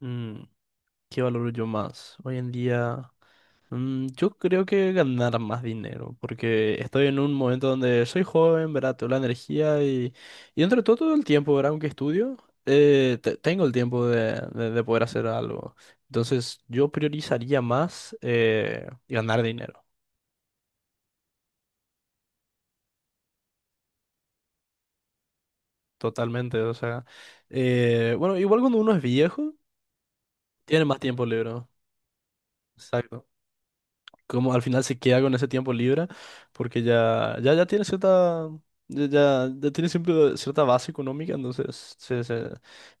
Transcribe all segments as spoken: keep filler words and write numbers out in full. Mm, ¿Qué valoro yo más? Hoy en día, mm, yo creo que ganar más dinero, porque estoy en un momento donde soy joven, ¿verdad? Tengo la energía y, y entre todo, todo el tiempo, ¿verdad? Aunque estudio, eh, te- tengo el tiempo de, de- de poder hacer algo. Entonces, yo priorizaría más eh, ganar dinero, totalmente. O sea, eh, bueno, igual cuando uno es viejo, tiene más tiempo libre. Exacto. Como al final se queda con ese tiempo libre, porque ya, ya, ya tiene cierta, ya, ya- ya tiene siempre cierta base económica, entonces, se, se-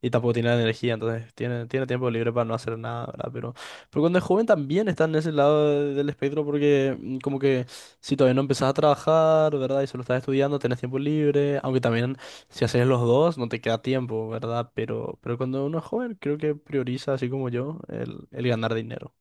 y tampoco tiene la energía, entonces tiene, tiene tiempo libre para no hacer nada, ¿verdad? Pero, pero cuando es joven también está en ese lado de- del espectro, porque mm, como que si todavía no empezás a trabajar, ¿verdad? Y solo estás estudiando, tenés tiempo libre, aunque también si haces los dos, no te queda tiempo, ¿verdad? Pero, pero cuando uno es joven, creo que prioriza, así como yo, el, el ganar dinero.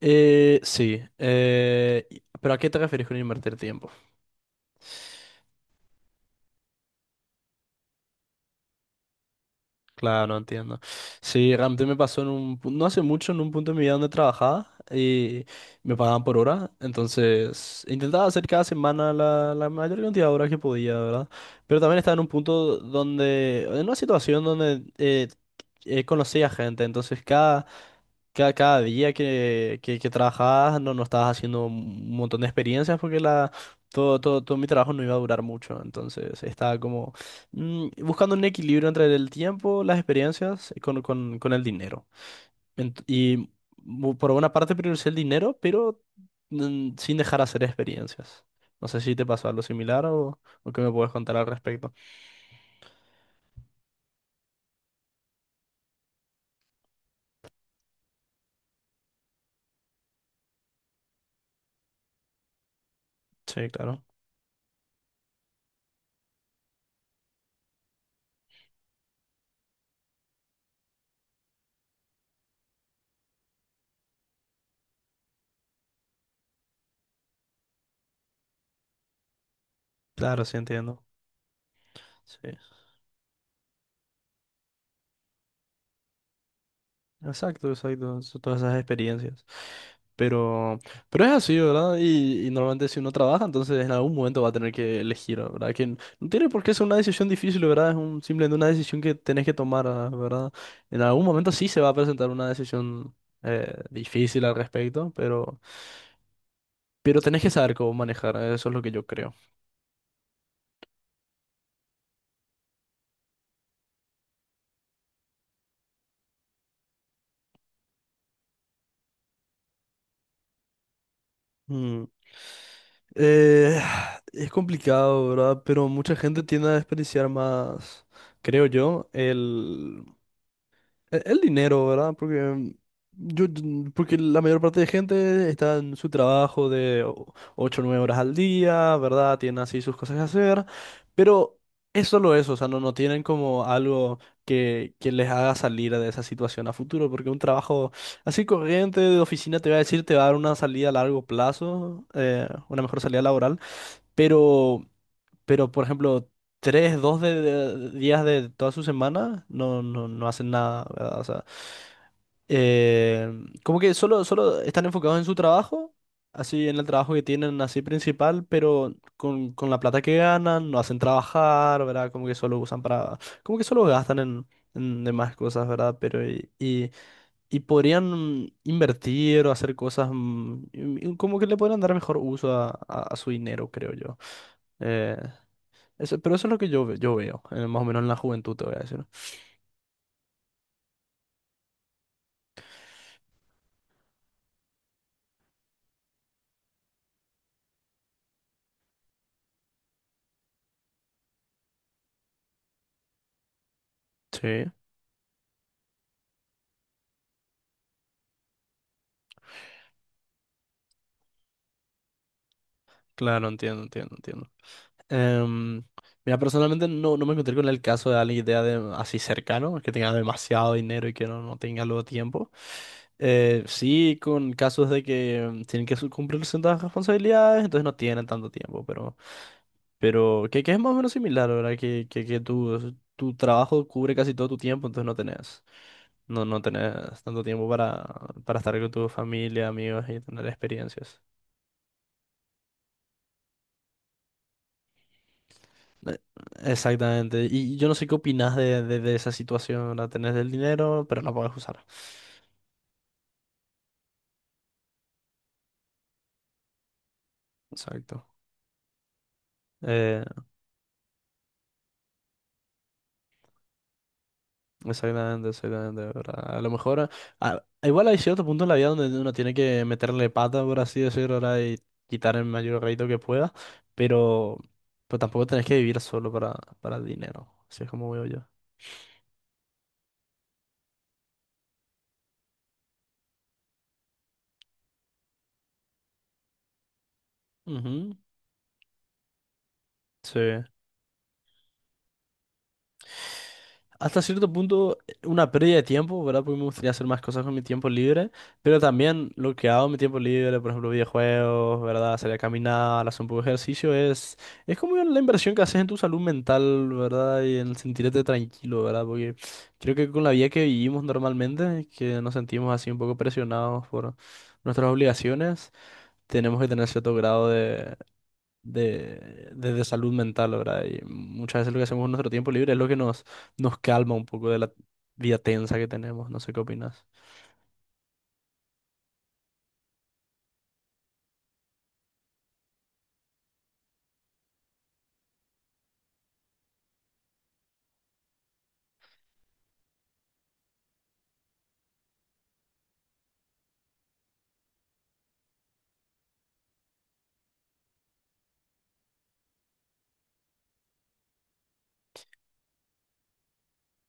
Eh, sí, eh, y- pero ¿a qué te refieres con invertir tiempo? Claro, entiendo. Sí, realmente me pasó en un, pu- no hace mucho, en un punto de mi vida donde trabajaba y me pagaban por hora, entonces intentaba hacer cada semana la, la mayor cantidad de horas que podía, ¿verdad? Pero también estaba en un punto donde, en una situación donde eh, eh, conocía gente, entonces cada, cada, cada día que, que, que trabajabas no, no estabas haciendo un montón de experiencias porque la, todo, todo, todo mi trabajo no iba a durar mucho, entonces estaba como Mm, buscando un equilibrio entre el tiempo, las experiencias y con, con- con el dinero. Ent- y bu- por una parte prioricé el dinero, pero mm, sin dejar hacer experiencias. No sé si te pasó algo similar o, o qué me puedes contar al respecto. Sí, claro. Claro, sí, entiendo. Sí. Exacto, exacto, so- todas esas experiencias. Pero, pero es así, ¿verdad? Y, y normalmente si uno trabaja, entonces en algún momento va a tener que elegir, ¿verdad? Que n- no tiene por qué ser una decisión difícil, ¿verdad? Es un, simplemente una decisión que tenés que tomar, ah, ¿verdad? En algún momento sí se va a presentar una decisión eh, difícil al respecto, pero, pero, tenés que saber cómo manejar, eso es lo que yo creo. Mm. Eh, es complicado, ¿verdad? Pero mucha gente tiende a desperdiciar más, creo yo, el... e- El dinero, ¿verdad? Porque mm, yo, yo- porque la mayor parte de gente está en su trabajo de ocho o nueve horas al día, ¿verdad? Tienen así sus cosas que hacer, pero es solo eso, o sea, no, no tienen como algo que, que les haga salir de esa situación a futuro, porque un trabajo así corriente de oficina te va a decir, te va a dar una salida a largo plazo, eh, una mejor salida laboral, pero... Pero, por ejemplo, tres, dos de, de- días de toda su semana no, no, no hacen nada, ¿verdad? O sea, eh, como que solo, solo están enfocados en su trabajo, así en el trabajo que tienen, así principal, pero con, con la plata que ganan, no hacen trabajar, ¿verdad? Como que solo usan para, como que solo gastan en, en demás cosas, ¿verdad? Pero, y, y, y podrían invertir o hacer cosas, mm, y- y como que le podrían dar mejor uso a, a a su dinero, creo yo. Eh, eso, pero eso es lo que yo, ve- yo veo, eh, más o menos en la juventud, te voy a decir. ¿No? Sí, claro, entiendo, entiendo, entiendo. Em, mira, personalmente no, no me encontré con el caso de alguien que tenga de, así cercano, que tenga demasiado dinero y que no, no tenga luego tiempo. Eh, sí, con casos de que em, tienen que su- cumplir ciertas responsabilidades, entonces no tienen tanto tiempo, pero, pero que, que es más o menos similar, ¿verdad? Que, que, que tu, tu trabajo cubre casi todo tu tiempo, entonces no tenés. No, no tenés tanto tiempo para, para estar con tu familia, amigos y tener experiencias. Eh, Exactamente. Y yo no sé qué opinás de, de, de esa situación. La tenés del dinero, pero la podés usar. Exacto. Eh, exactamente, exactamente, ¿verdad? A lo mejor, ah, igual hay cierto punto en la vida donde uno tiene que meterle pata, por así decirlo, ¿verdad? Y quitar el mayor rédito que pueda, pero, pero tampoco tenés que vivir solo para, para el dinero, así es como veo yo. Ujú. Sí. Hasta cierto punto, eh, una pérdida de tiempo, ¿verdad? Porque me gustaría hacer más cosas con mi tiempo libre, pero también lo que hago en mi tiempo libre, por ejemplo, videojuegos, ¿verdad? Salir a caminar, hacer un poco de ejercicio, es, es como la inversión que haces en tu salud mental, ¿verdad? Y en sentirte tranquilo, ¿verdad? Porque creo que con la vida que vivimos normalmente, que nos sentimos así un poco presionados por nuestras obligaciones, tenemos que tener cierto grado de, de- de salud mental, ¿verdad? Y muchas veces lo que hacemos en nuestro tiempo libre es lo que nos, nos calma un poco de la vida tensa que tenemos. No sé qué opinas.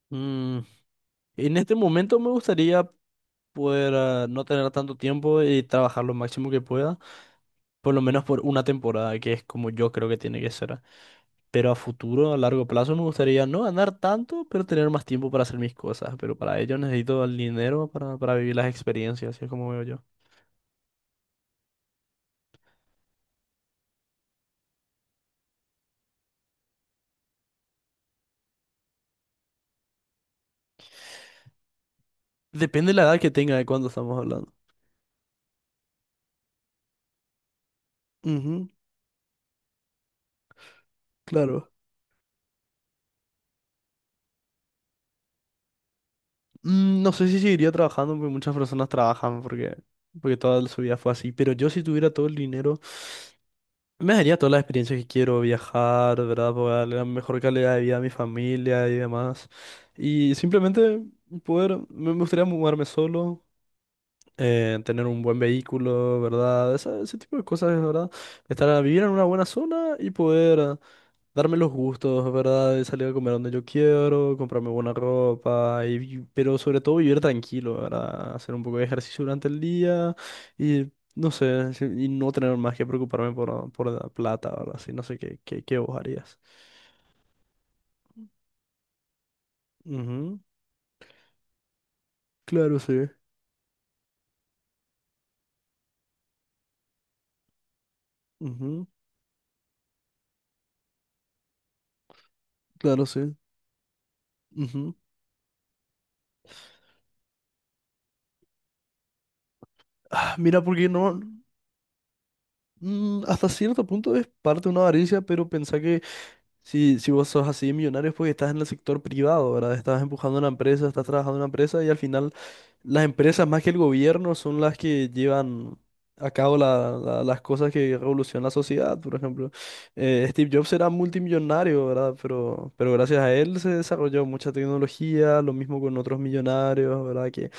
Mm, en este momento me gustaría poder ah, no tener tanto tiempo y trabajar lo máximo que pueda, por lo menos por una temporada, que es como yo creo que tiene que ser. Pero a futuro, a largo plazo, me gustaría no ganar tanto, pero tener más tiempo para hacer mis cosas. Pero para ello necesito el dinero para, para, vivir las experiencias, así es como veo yo. Depende de la edad que tenga de cuándo estamos hablando. Ujú. Claro. Mm, no sé si seguiría trabajando, porque muchas personas trabajan porque, porque toda su vida fue así. Pero yo si tuviera todo el dinero, me daría todas las experiencias que quiero, viajar, ¿verdad? Para darle la mejor calidad de vida a mi familia y demás. Y simplemente poder, me me gustaría mudarme solo, eh, tener un buen vehículo, ¿verdad? Esa- ese tipo de cosas, ¿verdad? Estar vivir en una buena zona y poder darme los gustos, ¿verdad? De salir a comer donde yo quiero, comprarme buena ropa, y vi- pero sobre todo vivir tranquilo, ¿verdad? Hacer un poco de ejercicio durante el día y no sé, si- y no tener más que preocuparme por, por, la plata, ¿verdad? Así no sé qué, qué, qué vos harías. Ujú. Claro, sí. Ujú. Claro, sí. Ujú. Ah, mira, porque no, mm, hasta cierto punto es parte de una avaricia, pero pensá que Si, si vos sos así millonario es porque estás en el sector privado, ¿verdad? Estás empujando una empresa, estás trabajando en una empresa y al final las empresas más que el gobierno son las que llevan a cabo la- la- las cosas que revolucionan la sociedad, por ejemplo. Eh, Steve Jobs era multimillonario, ¿verdad? Pero, pero gracias a él se desarrolló mucha tecnología, lo mismo con otros millonarios, ¿verdad? Que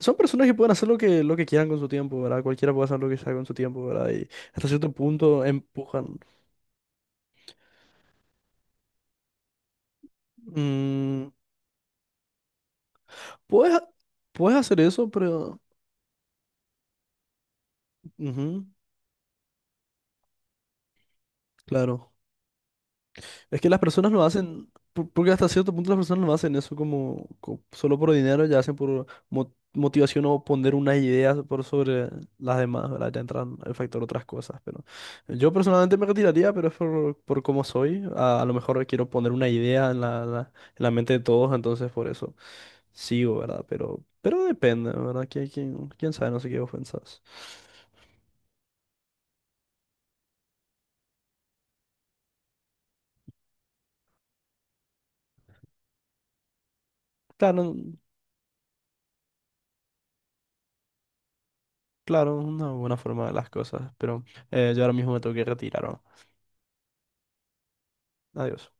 son personas que pueden hacer lo que, lo que quieran con su tiempo, ¿verdad? Cualquiera puede hacer lo que sea con su tiempo, ¿verdad? Y hasta cierto punto empujan. Mm, Puedes, puedes hacer eso, pero... Ujú, claro. Es que las personas lo hacen, por- porque hasta cierto punto las personas no hacen eso como, co- solo por dinero, ya hacen por mo- motivación o poner unas ideas por sobre las demás, ¿verdad? Ya entran el factor otras cosas, pero yo personalmente me retiraría, pero es por, por cómo soy. A, a lo mejor quiero poner una idea en la, la- en la mente de todos, entonces por eso sigo, ¿verdad? Pero, pero depende, ¿verdad? ¿Quién, quién, quién sabe? No sé qué vos pensás. Claro, claro, una buena forma de las cosas, pero eh, yo ahora mismo me tengo que retirar, ¿no? Adiós.